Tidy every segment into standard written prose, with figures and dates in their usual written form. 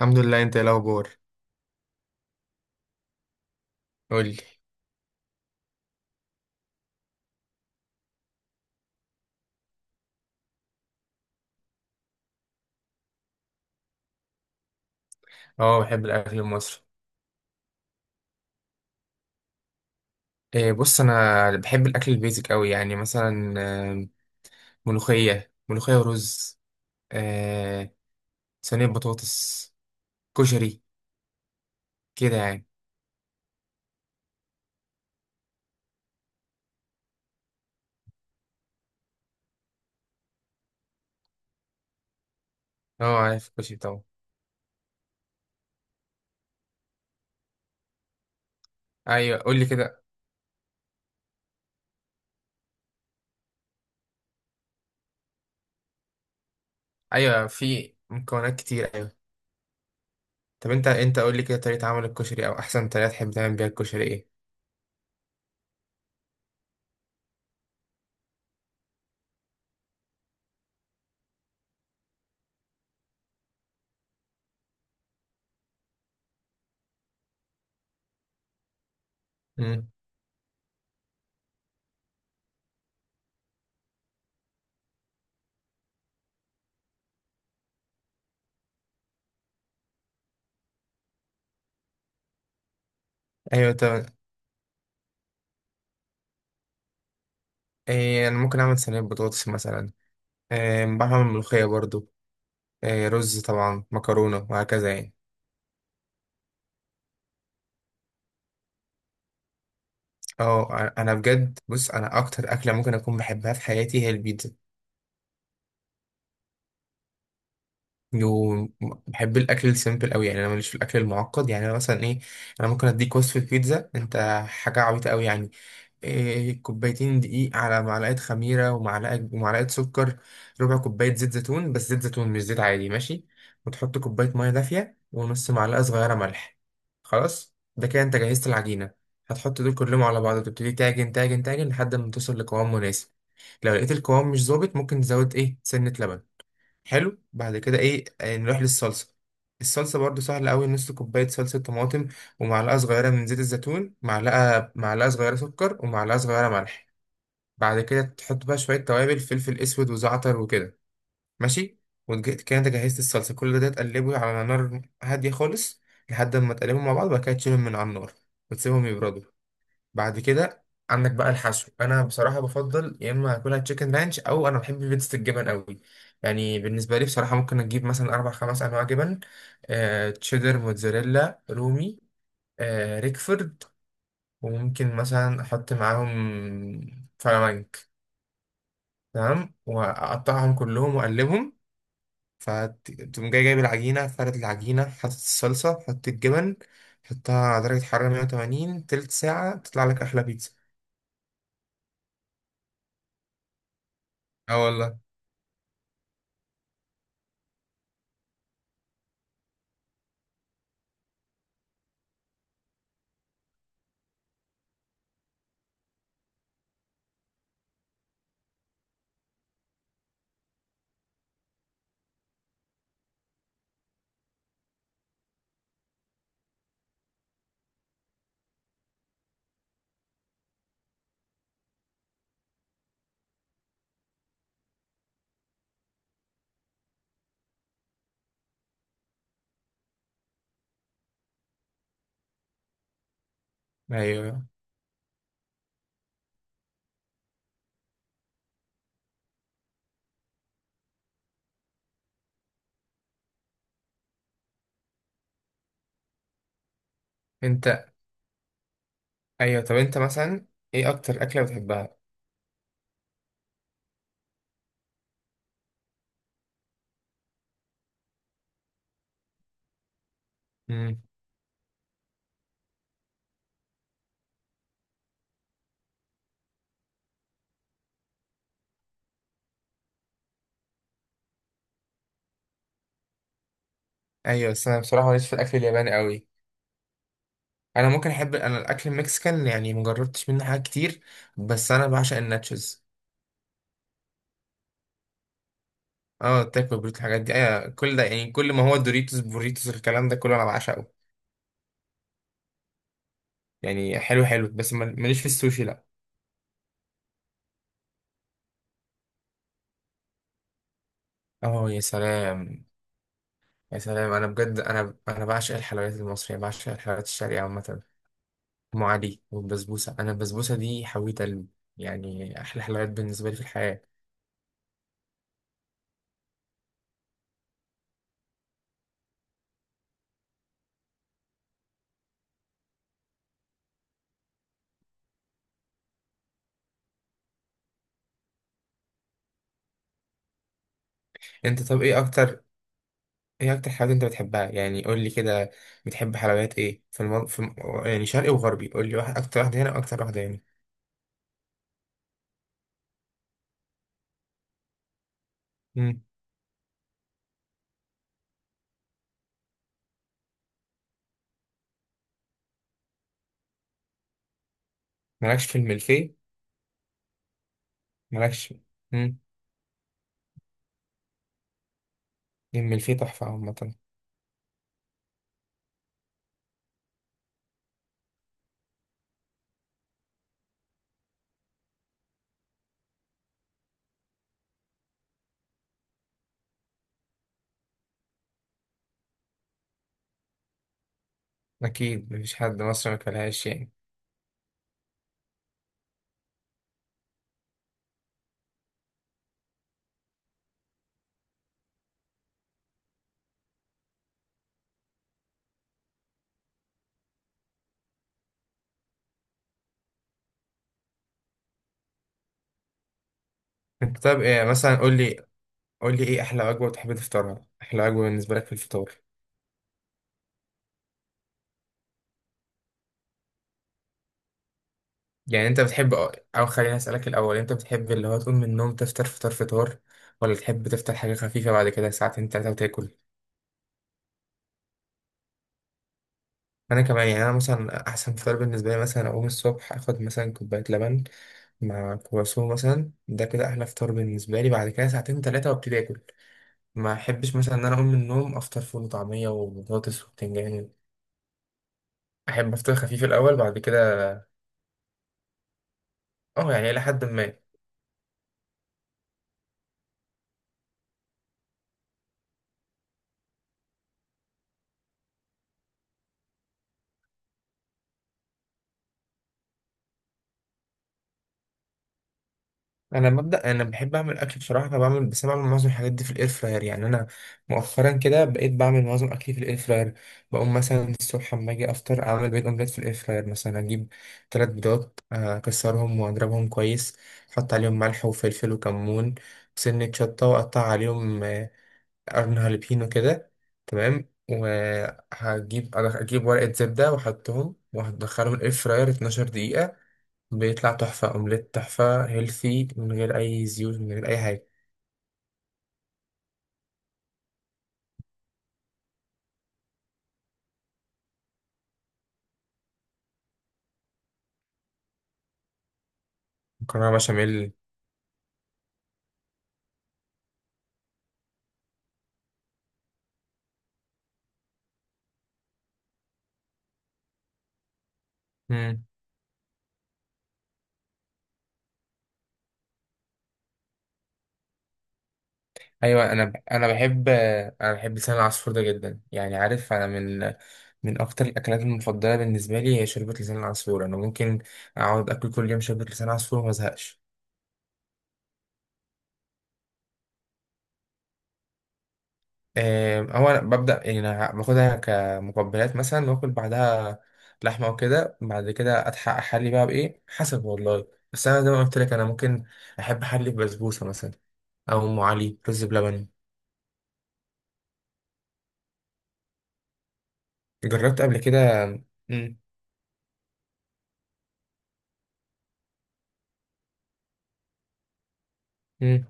الحمد لله. انت ايه الاخبار؟ قول لي. اه، بحب الاكل المصري. إيه، بص انا بحب الاكل البيزك قوي، يعني مثلا ملوخيه ملوخيه ورز، آه، صينيه بطاطس، كشري، كده يعني. اه، عارف الكشري طبعا. ايوه، قول لي كده. ايوه، في مكونات كتير، ايوه. طب انت قول لي كده، طريقه عمل الكشري او احسن طريقه تحب تعمل بيها الكشري ايه؟ مم. ايوه طب، إيه انا ممكن اعمل صينيه بطاطس مثلا، إيه بعرف اعمل ملوخيه برضو، إيه رز طبعا، مكرونه وهكذا يعني. اه. انا بجد، بص انا اكتر اكله ممكن اكون بحبها في حياتي هي البيتزا. وبحب الاكل السيمبل قوي، يعني انا ماليش في الاكل المعقد. يعني انا مثلا ايه، انا ممكن اديك وصفه بيتزا انت، حاجه عبيطه قوي يعني. إيه، كوبايتين دقيق، على معلقة خميرة، ومعلقة سكر، ربع كوباية زيت زيتون، بس زيت زيتون مش زيت عادي، ماشي. وتحط كوباية مية دافية، ونص معلقة صغيرة ملح. خلاص، ده كده انت جهزت العجينة. هتحط دول كلهم على بعض، وتبتدي تعجن تعجن تعجن لحد ما توصل لقوام مناسب. لو لقيت القوام مش ظابط، ممكن تزود ايه، سنة لبن. حلو. بعد كده ايه، نروح للصلصه. الصلصه برضو سهله قوي، نص كوبايه صلصه طماطم، ومعلقه صغيره من زيت الزيتون، معلقه صغيره سكر، ومعلقه صغيره ملح. بعد كده تحط بقى شويه توابل، فلفل اسود وزعتر وكده، ماشي. وكده انت جهزت الصلصه. كل ده تقلبه على نار هاديه خالص، لحد ما تقلبهم مع بعض، وبعد كده تشيلهم من على النار، وتسيبهم يبردوا. بعد كده، عندك بقى الحشو. انا بصراحه بفضل يا اما اكلها تشيكن رانش، او انا بحب بيتزا الجبن قوي. يعني بالنسبه لي بصراحه، ممكن اجيب مثلا اربع خمس انواع جبن، تشيدر، موتزاريلا، رومي، ريكفورد، وممكن مثلا احط معاهم فلامنك. تمام، واقطعهم كلهم واقلبهم. فتقوم جاي، جايب العجينه، فرد العجينه، حاطط الصلصه، حط الجبن. حطها على درجه حراره 180، تلت ساعه تطلع لك احلى بيتزا. اه والله. ايوه. انت. ايوه طب، انت مثلا، ايه اكتر اكله بتحبها؟ امم. ايوه، بس انا بصراحه ماليش في الاكل الياباني قوي. انا ممكن احب انا الاكل المكسيكان، يعني مجربتش منه حاجات كتير، بس انا بعشق الناتشز. اه، تاكو بريت، الحاجات دي ايوه كل ده. يعني كل ما هو دوريتوس بوريتوس الكلام ده كله انا بعشقه. يعني حلو حلو، بس ماليش في السوشي، لا. اه يا سلام. يا سلام، انا بجد انا بعشق الحلويات المصريه، بعشق الحلويات الشرقيه عامه. ام علي والبسبوسه. انا البسبوسه دي حويت قلبي، يعني احلى حلويات بالنسبه لي في الحياه. انت طب، ايه اكتر، ايه اكتر حاجات انت بتحبها يعني؟ قول لي كده، بتحب حلويات ايه في, المن... في الم... يعني شرقي وغربي، قول لي واحد، اكتر واحده هنا واكتر واحده هنا. امم. مالكش في الملفيه؟ مالكش. امم. الملفيه تحفه عامه، اكيد مفيش حد مصري ما كلهاش يعني. انت طب، ايه مثلا، قول لي، قول لي ايه احلى وجبه بتحب تفطرها، احلى وجبه بالنسبه لك في الفطار؟ يعني انت بتحب، او خليني اسالك الاول، انت بتحب اللي هو تقوم من النوم تفطر فطار فطار، ولا تحب تفطر حاجه خفيفه بعد كده ساعتين تلاته وتاكل؟ انا كمان يعني، انا مثلا احسن فطار بالنسبه لي، مثلا اقوم الصبح اخد مثلا كوبايه لبن مع كرواسون مثلا، ده كده احلى فطار بالنسبه لي. بعد كده ساعتين ثلاثه وابتدي اكل. ما احبش مثلا ان انا اقوم من النوم افطر فول وطعميه وبطاطس وبتنجان. احب افطر خفيف الاول بعد كده. اه، يعني الى حد ما. انا مبدا، انا بحب اعمل اكل بصراحه، بس أنا بعمل معظم الحاجات دي في الاير فراير. يعني انا مؤخرا كده بقيت بعمل معظم اكلي في الاير فراير. بقوم مثلا الصبح اما اجي افطر، اعمل بيض اومليت في الاير فراير، مثلا اجيب ثلاث بيضات، اكسرهم واضربهم كويس، احط عليهم ملح وفلفل وكمون، سنه شطه، واقطع عليهم قرن هالبينو كده. تمام، اجيب ورقه زبده واحطهم وهدخلهم الاير فراير 12 دقيقه. بيطلع تحفة، أومليت تحفة هيلثي من غير أي زيوت من غير أي حاجة. مكرونة بشاميل. مم. أيوة، أنا بحب، أنا بحب لسان العصفور ده جدا، يعني عارف، أنا من أكتر الأكلات المفضلة بالنسبة لي هي شوربة لسان العصفور. أنا ممكن أقعد آكل كل يوم شوربة لسان عصفور وما أزهقش. هو أنا ببدأ يعني، أنا باخدها كمقبلات مثلا وآكل بعدها لحمة وكده، بعد كده أتحقق أحلي بقى بإيه، حسب والله. بس أنا زي ما قلت لك، أنا ممكن أحب أحلي ببسبوسة مثلا، او ام علي، رز بلبن. جربت قبل كده؟ مم. مم.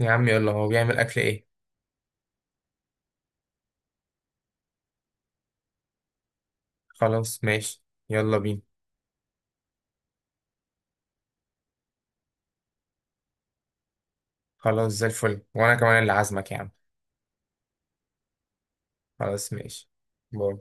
يا عم يلا، هو بيعمل اكل ايه؟ خلاص ماشي. يلا بينا. خلاص زي الفل، وانا كمان اللي عازمك يا عم. خلاص ماشي. باي.